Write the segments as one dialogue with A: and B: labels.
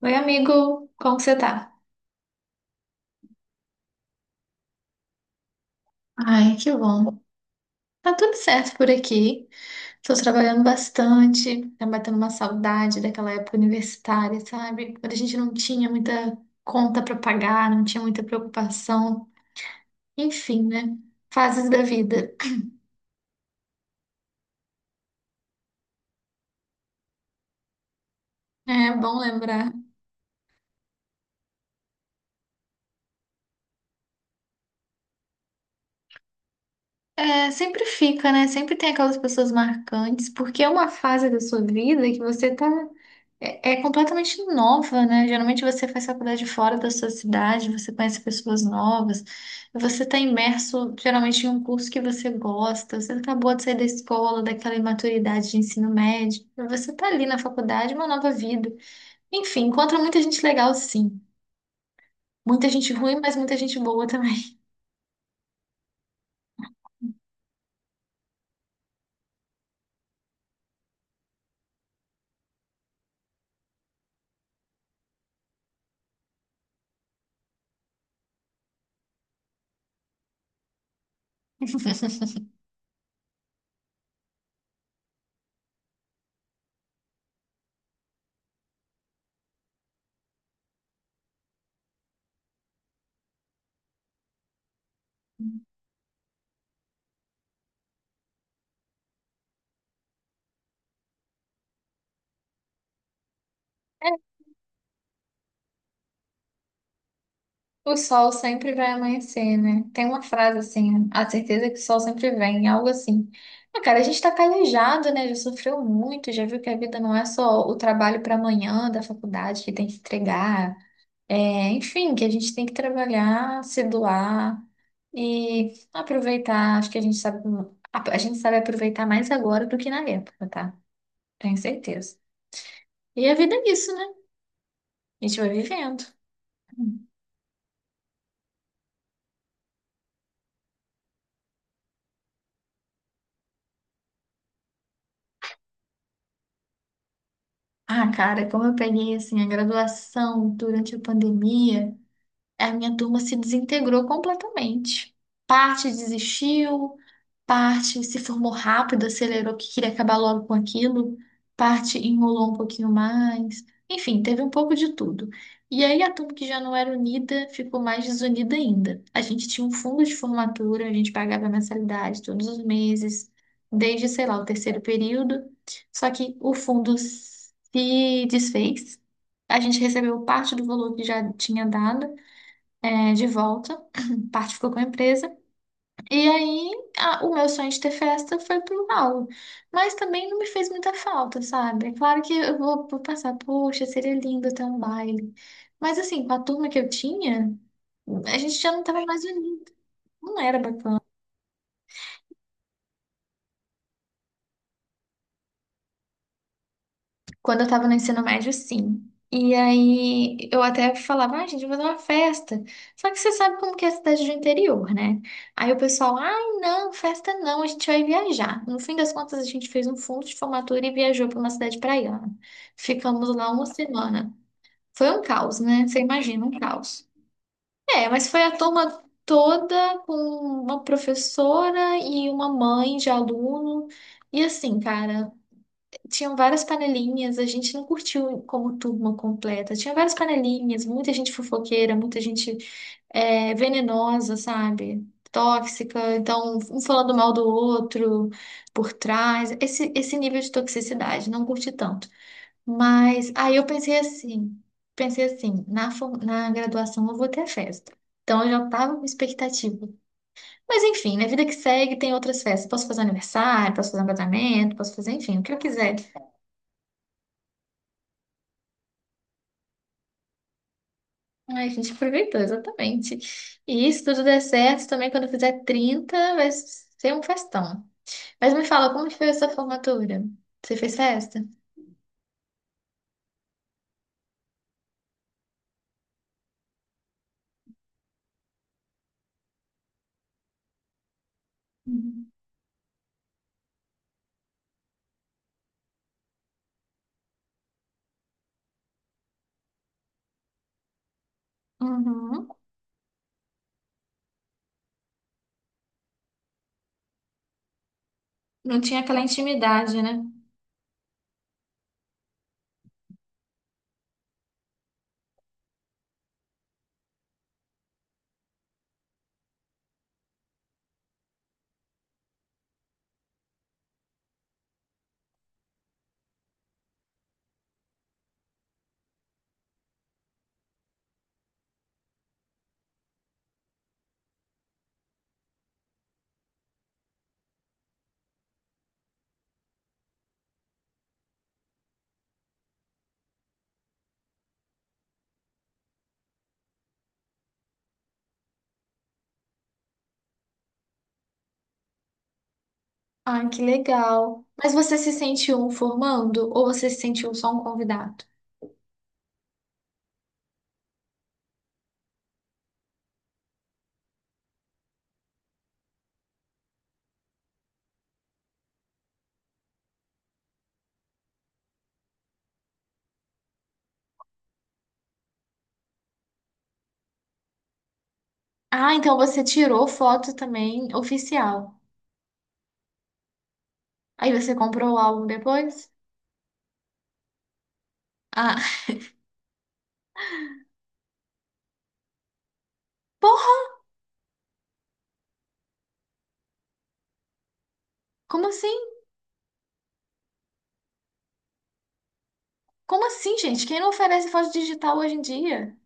A: Oi, amigo, como você tá? Ai, que bom. Tá tudo certo por aqui. Tô trabalhando bastante, tá batendo uma saudade daquela época universitária, sabe? Quando a gente não tinha muita conta pra pagar, não tinha muita preocupação. Enfim, né? Fases da vida. É bom lembrar. É, sempre fica, né? Sempre tem aquelas pessoas marcantes, porque é uma fase da sua vida que você tá. É, é completamente nova, né? Geralmente você faz faculdade fora da sua cidade, você conhece pessoas novas, você tá imerso geralmente em um curso que você gosta, você acabou de sair da escola, daquela imaturidade de ensino médio, você tá ali na faculdade, uma nova vida. Enfim, encontra muita gente legal, sim. Muita gente ruim, mas muita gente boa também. É. O sol sempre vai amanhecer, né? Tem uma frase assim, a certeza é que o sol sempre vem, algo assim. Ah, cara, a gente tá calejado, né? Já sofreu muito, já viu que a vida não é só o trabalho para amanhã da faculdade que tem que entregar. É, enfim, que a gente tem que trabalhar, se doar e aproveitar. Acho que a gente sabe, a gente sabe aproveitar mais agora do que na época, tá? Tenho certeza. E a vida é isso, né? A gente vai vivendo. Ah, cara, como eu peguei assim a graduação durante a pandemia, a minha turma se desintegrou completamente. Parte desistiu, parte se formou rápido, acelerou que queria acabar logo com aquilo, parte enrolou um pouquinho mais. Enfim, teve um pouco de tudo. E aí a turma que já não era unida ficou mais desunida ainda. A gente tinha um fundo de formatura, a gente pagava mensalidade todos os meses, desde, sei lá, o terceiro período. Só que o fundo se desfez. A gente recebeu parte do valor que já tinha dado de volta, parte ficou com a empresa. E aí o meu sonho de ter festa foi pro ralo. Mas também não me fez muita falta, sabe? É claro que eu vou, pensar, poxa, seria lindo ter um baile. Mas assim, com a turma que eu tinha, a gente já não estava mais unido. Não era bacana. Quando eu tava no ensino médio, sim. E aí eu até falava, ah, gente, vou fazer uma festa. Só que você sabe como que é a cidade do interior, né? Aí o pessoal, ai, não, festa não, a gente vai viajar. No fim das contas, a gente fez um fundo de formatura e viajou para uma cidade praiana. Ficamos lá uma semana. Foi um caos, né? Você imagina, um caos. É, mas foi a turma toda com uma professora e uma mãe de aluno. E assim, cara. Tinham várias panelinhas, a gente não curtiu como turma completa. Tinha várias panelinhas, muita gente fofoqueira, muita gente venenosa, sabe? Tóxica, então um falando mal do outro por trás. Esse nível de toxicidade, não curti tanto. Mas aí eu pensei assim, na graduação eu vou ter festa. Então eu já tava com expectativa. Mas enfim, na vida que segue tem outras festas. Posso fazer aniversário, posso fazer um casamento, posso fazer, enfim, o que eu quiser. Ai, a gente aproveitou, exatamente. E se tudo der certo, também quando eu fizer 30 vai ser um festão. Mas me fala, como que foi a sua formatura? Você fez festa? Uhum. Uhum. Não tinha aquela intimidade, né? Ah, que legal. Mas você se sente um formando ou você se sentiu só um convidado? Ah, então você tirou foto também oficial. Aí você comprou o álbum depois? Ah, porra, como assim? Como assim, gente? Quem não oferece foto digital hoje em dia?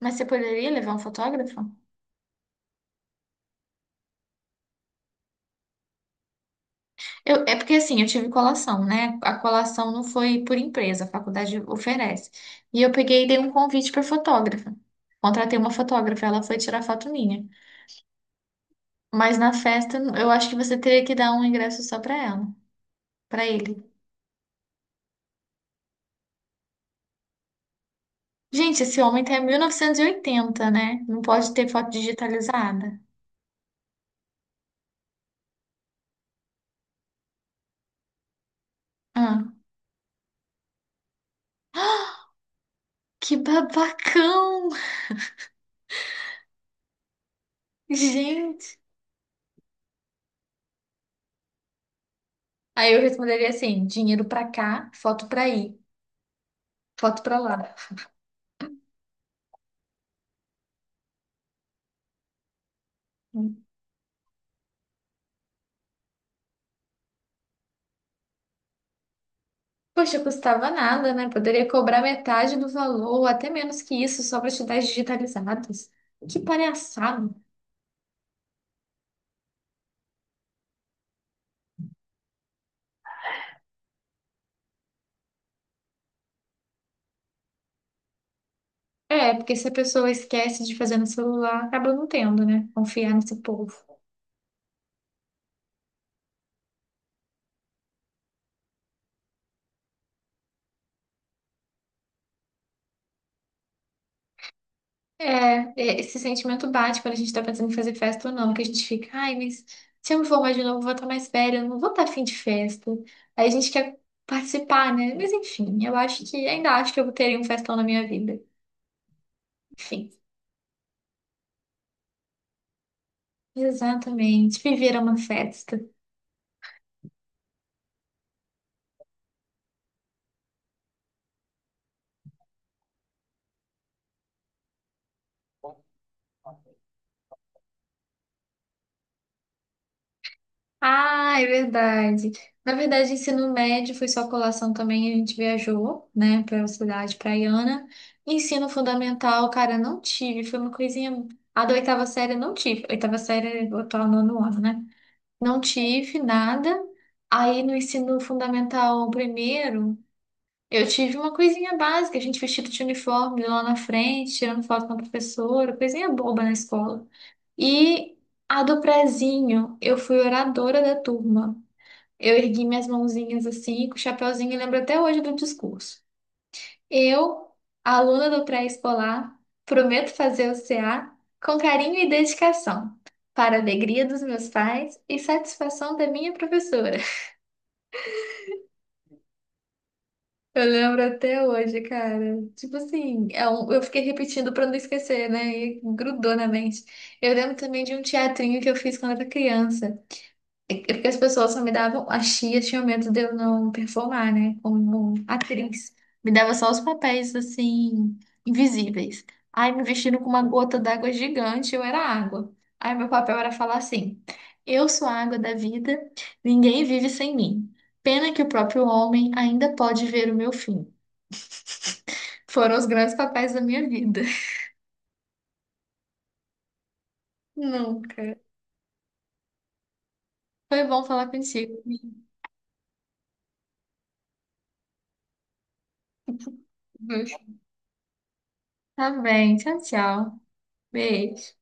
A: Mas você poderia levar um fotógrafo? É porque assim, eu tive colação, né? A colação não foi por empresa, a faculdade oferece. E eu peguei e dei um convite para fotógrafa. Contratei uma fotógrafa, ela foi tirar foto minha. Mas na festa, eu acho que você teria que dar um ingresso só para ela, para ele. Gente, esse homem tá em 1980, né? Não pode ter foto digitalizada. Ah, que babacão! Gente! Aí eu responderia assim: dinheiro pra cá, foto pra aí, foto pra lá. Poxa, custava nada, né? Poderia cobrar metade do valor, ou até menos que isso, só para te dar as digitalizadas. Que palhaçada. É, porque se a pessoa esquece de fazer no celular, acaba não tendo, né? Confiar nesse povo. É, esse sentimento bate quando a gente tá pensando em fazer festa ou não, que a gente fica, ai, mas se eu me formar de novo, eu vou estar mais velha, eu não vou estar afim de festa. Aí a gente quer participar, né? Mas enfim, eu acho que, ainda acho que eu teria um festão na minha vida. Enfim, exatamente, viver é uma festa. Ah, é verdade. Na verdade, ensino médio foi só colação também, a gente viajou, né, para cidade praiana. Ensino fundamental, cara, não tive, foi uma coisinha. A da oitava série eu não tive. Oitava série, é o atual nono ano, né? Não tive nada. Aí no ensino fundamental primeiro, eu tive uma coisinha básica, a gente vestido de uniforme lá na frente, tirando foto com a professora, coisinha boba na escola. E a do prezinho, eu fui oradora da turma. Eu ergui minhas mãozinhas assim, com o chapéuzinho, e lembro até hoje do discurso. Eu, aluna do pré-escolar, prometo fazer o CA com carinho e dedicação, para a alegria dos meus pais e satisfação da minha professora. Eu lembro até hoje, cara. Tipo assim, eu fiquei repetindo para não esquecer, né? E grudou na mente. Eu lembro também de um teatrinho que eu fiz quando era criança. Porque as pessoas só me davam, as tias tinham medo de eu não performar, né? Como atriz. Me dava só os papéis, assim, invisíveis. Aí me vestindo com uma gota d'água gigante, eu era água. Aí meu papel era falar assim: Eu sou a água da vida, ninguém vive sem mim. Pena que o próprio homem ainda pode ver o meu fim. Foram os grandes papéis da minha vida. Nunca. Foi bom falar contigo, amigo. Tá bem, tchau, tchau. Beijo.